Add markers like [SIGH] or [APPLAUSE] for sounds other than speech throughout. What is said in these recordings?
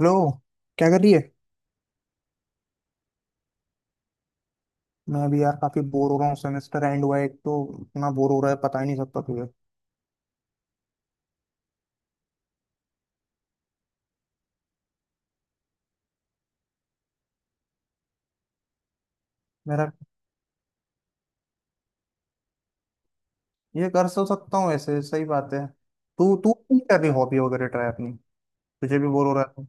Hello. क्या कर रही है? मैं अभी यार काफी बोर हो रहा हूँ। सेमेस्टर एंड हुआ है एक तो इतना बोर हो रहा है, पता ही नहीं सकता तुझे मेरा। ये कर तो सकता हूँ ऐसे, सही बात है। तू तू नहीं कर रही हॉबी वगैरह ट्राई अपनी? तुझे भी बोर हो रहा है?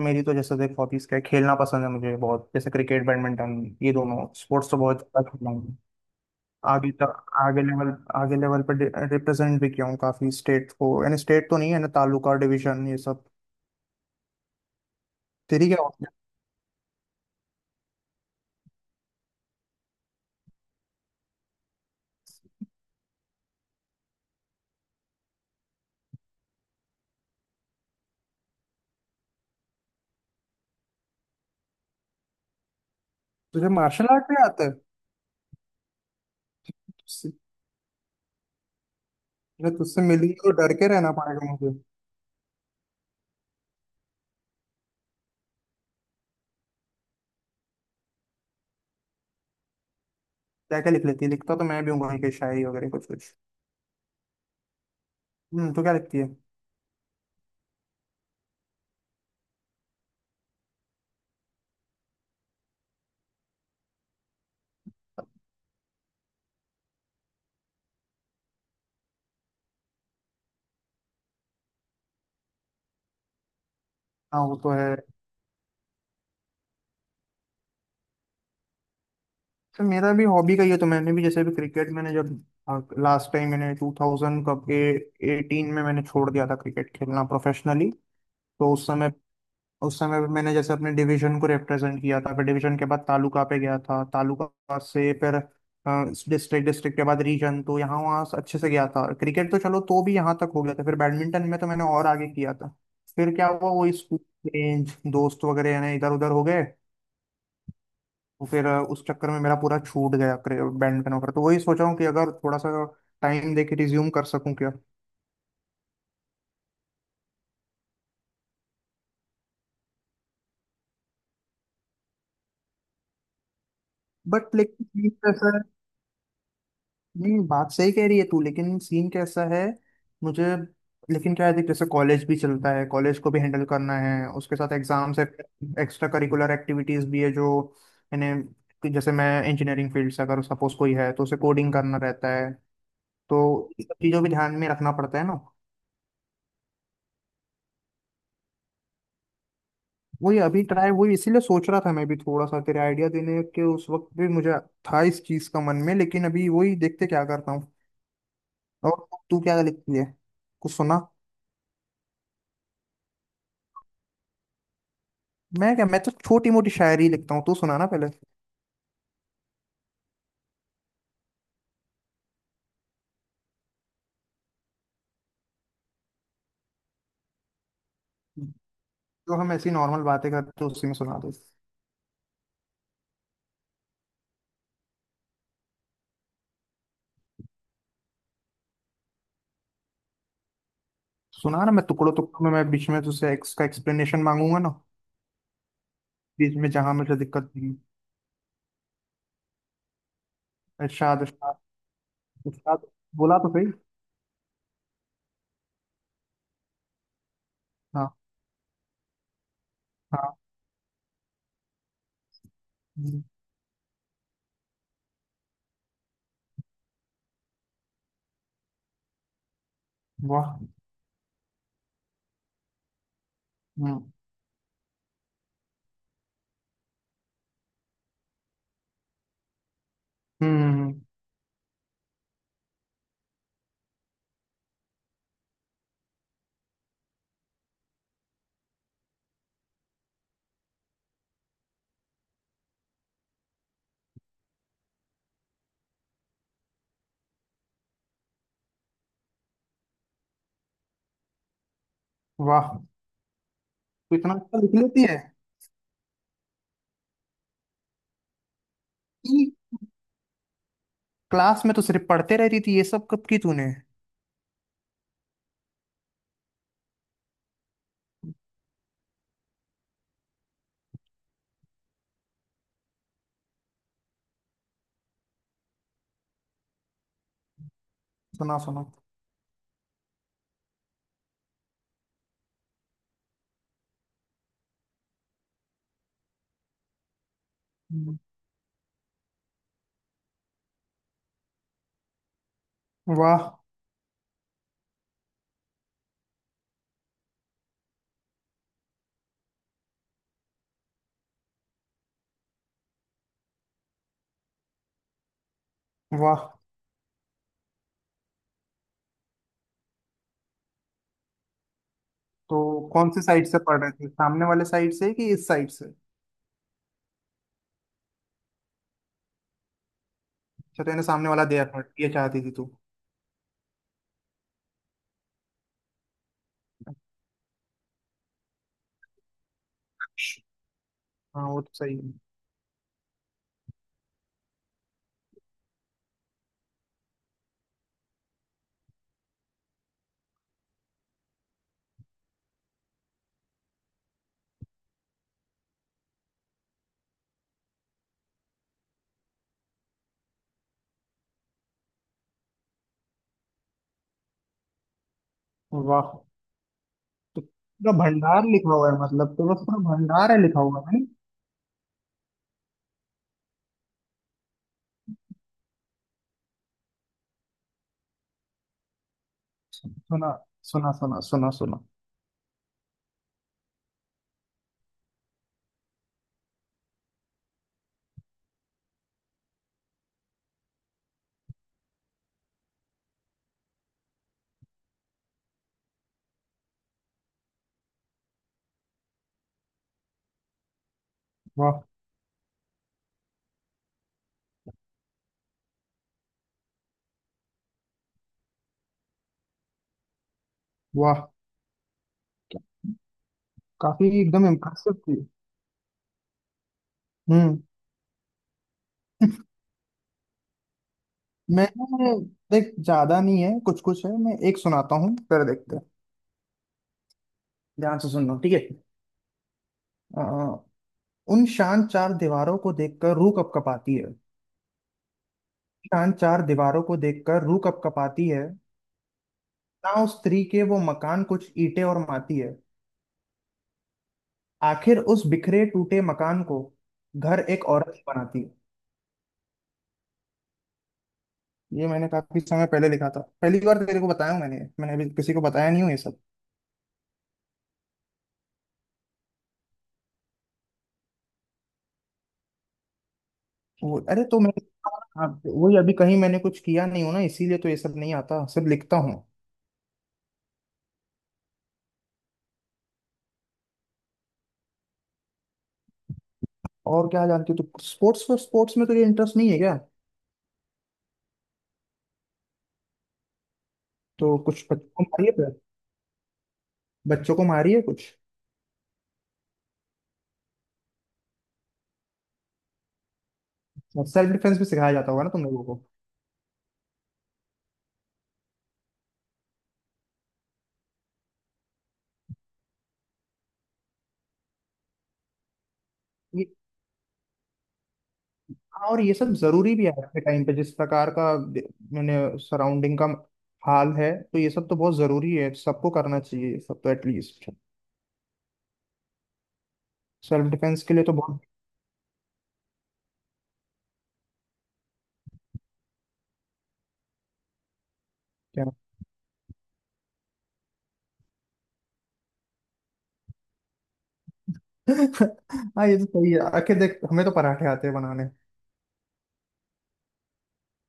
मेरी तो जैसे देख हॉबीज क्या है, खेलना पसंद है मुझे बहुत, जैसे क्रिकेट बैडमिंटन, ये दोनों स्पोर्ट्स तो बहुत ज्यादा खेलता हूँ। आगे तक आगे लेवल, आगे लेवल पर रिप्रेजेंट भी किया हूँ काफी। स्टेट को, यानी स्टेट तो नहीं है ना, तालुका डिवीजन ये सब। तेरी क्या हॉबी है? तुझे मार्शल आर्ट भी आता है? मैं तुझसे मिली तो डर के रहना पड़ेगा मुझे। क्या क्या लिख लेती है? लिखता तो मैं भी हूँ भाई, के शायरी वगैरह कुछ कुछ। हम्म, तो क्या लिखती है? हाँ, वो तो है। तो मेरा भी हॉबी का ही है। तो मैंने भी जैसे भी क्रिकेट, मैंने जब लास्ट टाइम, मैंने टू थाउजेंड कब एटीन में मैंने छोड़ दिया था क्रिकेट खेलना प्रोफेशनली। तो उस समय पे मैंने जैसे अपने डिवीजन को रिप्रेजेंट किया था, फिर डिवीजन के बाद तालुका पे गया था, तालुका से फिर डिस्ट्रिक्ट। डिस्ट्रिक्ट के बाद रीजन, तो यहाँ वहाँ से अच्छे से गया था क्रिकेट। तो चलो, तो भी यहाँ तक हो गया था। फिर बैडमिंटन में तो मैंने और आगे किया था। फिर क्या हुआ, वो स्कूल रेंज दोस्त वगैरह यानी इधर उधर हो गए। तो फिर उस चक्कर में मेरा पूरा छूट गया, बैडमिंटन वगैरह। तो वही सोचा हूँ कि अगर थोड़ा सा टाइम दे के रिज्यूम कर सकूँ क्या। बट लेकिन नहीं, बात सही कह रही है तू, लेकिन सीन कैसा है मुझे। लेकिन क्या है देख, जैसे कॉलेज भी चलता है, कॉलेज को भी हैंडल करना है, उसके साथ एग्जाम्स है, एक्स्ट्रा करिकुलर एक्टिविटीज भी है जो, यानी कि जैसे मैं इंजीनियरिंग फील्ड से, अगर सपोज कोई है तो उसे कोडिंग करना रहता है। तो ये सब चीज़ों भी ध्यान में रखना पड़ता है ना। वही अभी ट्राई, वही इसीलिए सोच रहा था मैं भी थोड़ा सा तेरे आइडिया देने के उस वक्त भी मुझे था इस चीज़ का मन में, लेकिन अभी वही, देखते क्या करता हूँ। और तू क्या लिखती है, कुछ सुना। मैं क्या, मैं तो छोटी मोटी शायरी लिखता हूँ, तू सुना ना पहले। जो हम ऐसी नॉर्मल बातें करते हैं उसी में सुना दे। सुना ना, मैं टुकड़ों टुकड़ों में, मैं बीच में तुझसे का एक्सप्लेनेशन मांगूंगा ना, बीच में जहां मुझे दिक्कत थी। इरशाद इरशाद इरशाद। बोला तो सही। हाँ हाँ। हम्म। वाह। हम्म। हम्म, वाह। तू इतना अच्छा लिख लेती है कि क्लास में तो सिर्फ पढ़ते रहती थी, ये सब कब की तूने? सुना सुना। हम्म, वाह। वाह, तो कौन सी साइड से पढ़ रहे थे, सामने वाले साइड से कि इस साइड से? अच्छा, तूने सामने वाला दिया था, ये चाहती थी तू। हाँ, वो तो सही है। वाह, तो पूरा भंडार लिखा हुआ है मतलब, तो बस पूरा भंडार है लिखा हुआ है। सुना सुना सुना सुना सुना। वाह। वाह, काफी एकदम इम्प्रेसिव थी। हम्म मैं देख, ज्यादा नहीं है, कुछ कुछ है। मैं एक सुनाता हूँ फिर देखते हैं। ध्यान से सुनना, ठीक है? अ, उन शान चार दीवारों को देखकर रूह कपकपाती है। शान चार दीवारों को देखकर रूह कपकपाती है। ना उस स्त्री के वो मकान कुछ ईंटें और माटी है। आखिर उस बिखरे टूटे मकान को घर एक औरत ही बनाती है। ये मैंने काफी समय पहले लिखा था, पहली बार तेरे को बताया हूँ। मैंने मैंने अभी किसी को बताया नहीं हूँ ये सब। वो अरे, तो मैं हाँ, वही अभी कहीं मैंने कुछ किया नहीं हूँ ना, इसीलिए तो ये सब नहीं आता, सिर्फ लिखता हूँ। और क्या जानती हूँ तू, स्पोर्ट्स स्पोर्ट्स में तुझे इंटरेस्ट नहीं है क्या? तो कुछ बच्चों को मारिए फिर, बच्चों को मारिए कुछ। सेल्फ डिफेंस भी सिखाया जाता होगा ना तुम लोगों को? और ये सब जरूरी भी है आज के टाइम पे, जिस प्रकार का दे-, मैंने सराउंडिंग का हाल है, तो ये सब तो बहुत जरूरी है, सबको करना चाहिए ये सब तो एटलीस्ट, सेल्फ डिफेंस के लिए तो बहुत। क्या? [LAUGHS] हाँ, ये तो सही है। आके देख हमें तो पराठे आते हैं बनाने।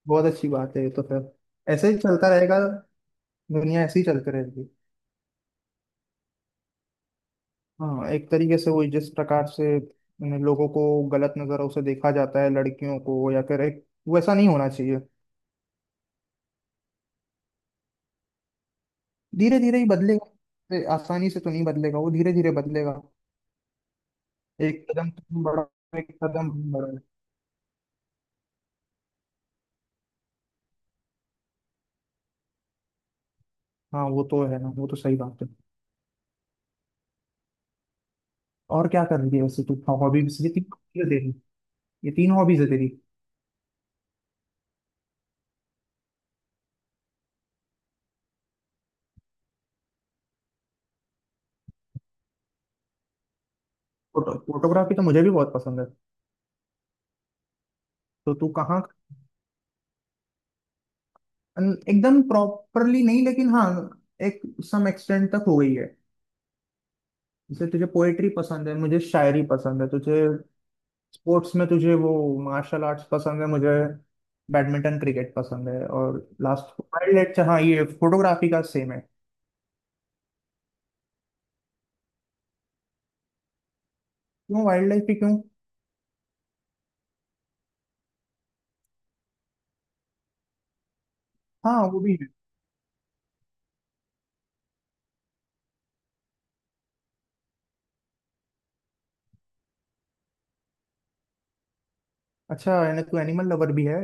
बहुत अच्छी बात है, ये तो फिर ऐसे ही चलता रहेगा, दुनिया ऐसे ही चलती रहेगी। हाँ, एक तरीके से वही जिस प्रकार से उन्हें लोगों को गलत नजरों से देखा जाता है लड़कियों को, या फिर एक वैसा नहीं होना चाहिए। धीरे धीरे ही बदलेगा, आसानी से तो नहीं बदलेगा वो, धीरे धीरे बदलेगा। एक कदम तुम बढ़ो, एक कदम हम बढ़ो। हाँ, वो तो है ना, वो तो सही बात है। और क्या कर रही है वैसे तू, हॉबीज ये तीन हॉबीज है तेरी, ये तीन हॉबीज है तेरी। फोटो फोटोग्राफी तो मुझे भी बहुत पसंद है। तो तू कहाँ, अन- एकदम प्रॉपरली नहीं लेकिन हाँ एक सम एक्सटेंट तक हो गई है। जैसे तुझे पोएट्री पसंद है मुझे शायरी पसंद है तुझे, स्पोर्ट्स में तुझे वो मार्शल आर्ट्स पसंद है, मुझे बैडमिंटन क्रिकेट पसंद है, और लास्ट वाइल्ड लाइफ, हाँ ये फोटोग्राफी का सेम है। क्यों वाइल्ड लाइफ भी क्यों? हाँ, वो भी है। अच्छा, यानी तू एनिमल लवर भी है।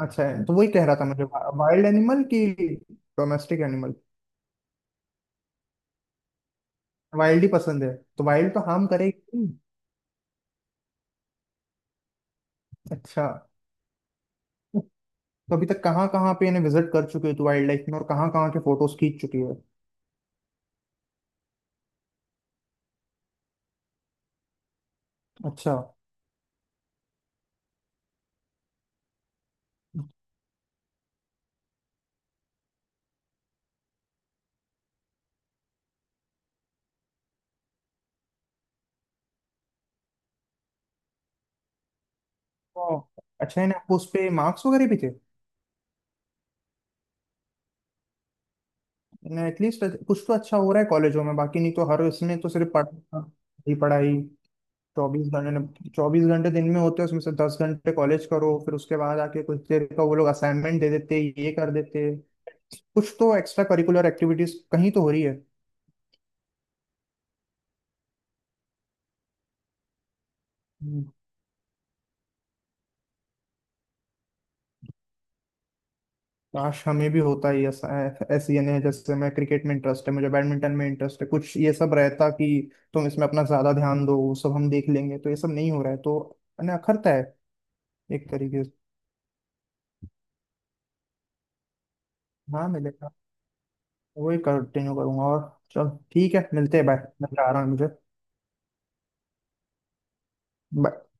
अच्छा है, तो वही कह रहा था मुझे वाइल्ड एनिमल की। Domestic animal. वाइल्ड ही पसंद है? तो वाइल्ड तो हार्म करेगी। अच्छा। तो अभी तक कहाँ कहाँ पे इन्हें विजिट कर चुके हो तू वाइल्ड लाइफ में, और कहाँ कहाँ के फोटोज खींच चुकी है? अच्छा। तो अच्छा इन्हें आपको उस पे मार्क्स वगैरह भी थे? एटलीस्ट कुछ तो अच्छा हो रहा है कॉलेजों में, बाकी नहीं तो हर इसमें तो सिर्फ पढ़ाई ही पढ़ाई। चौबीस घंटे दिन में होते हैं, उसमें से 10 घंटे कॉलेज करो, फिर उसके बाद आके कुछ देर का वो लोग असाइनमेंट दे देते, ये कर देते। कुछ तो एक्स्ट्रा करिकुलर एक्टिविटीज कहीं तो हो रही है। हम्म। काश हमें भी होता ही ऐसा, ऐसी, यानी जैसे मैं क्रिकेट में इंटरेस्ट है, मुझे बैडमिंटन में इंटरेस्ट है, कुछ ये सब रहता कि तुम इसमें अपना ज्यादा ध्यान दो, वो सब हम देख लेंगे। तो ये सब नहीं हो रहा है, तो मैंने अखरता है एक तरीके से। हाँ मिले, वही कंटिन्यू करूंगा। और चल ठीक है, मिलते हैं, बाय। मैं जा रहा हूँ, मुझे। Bye.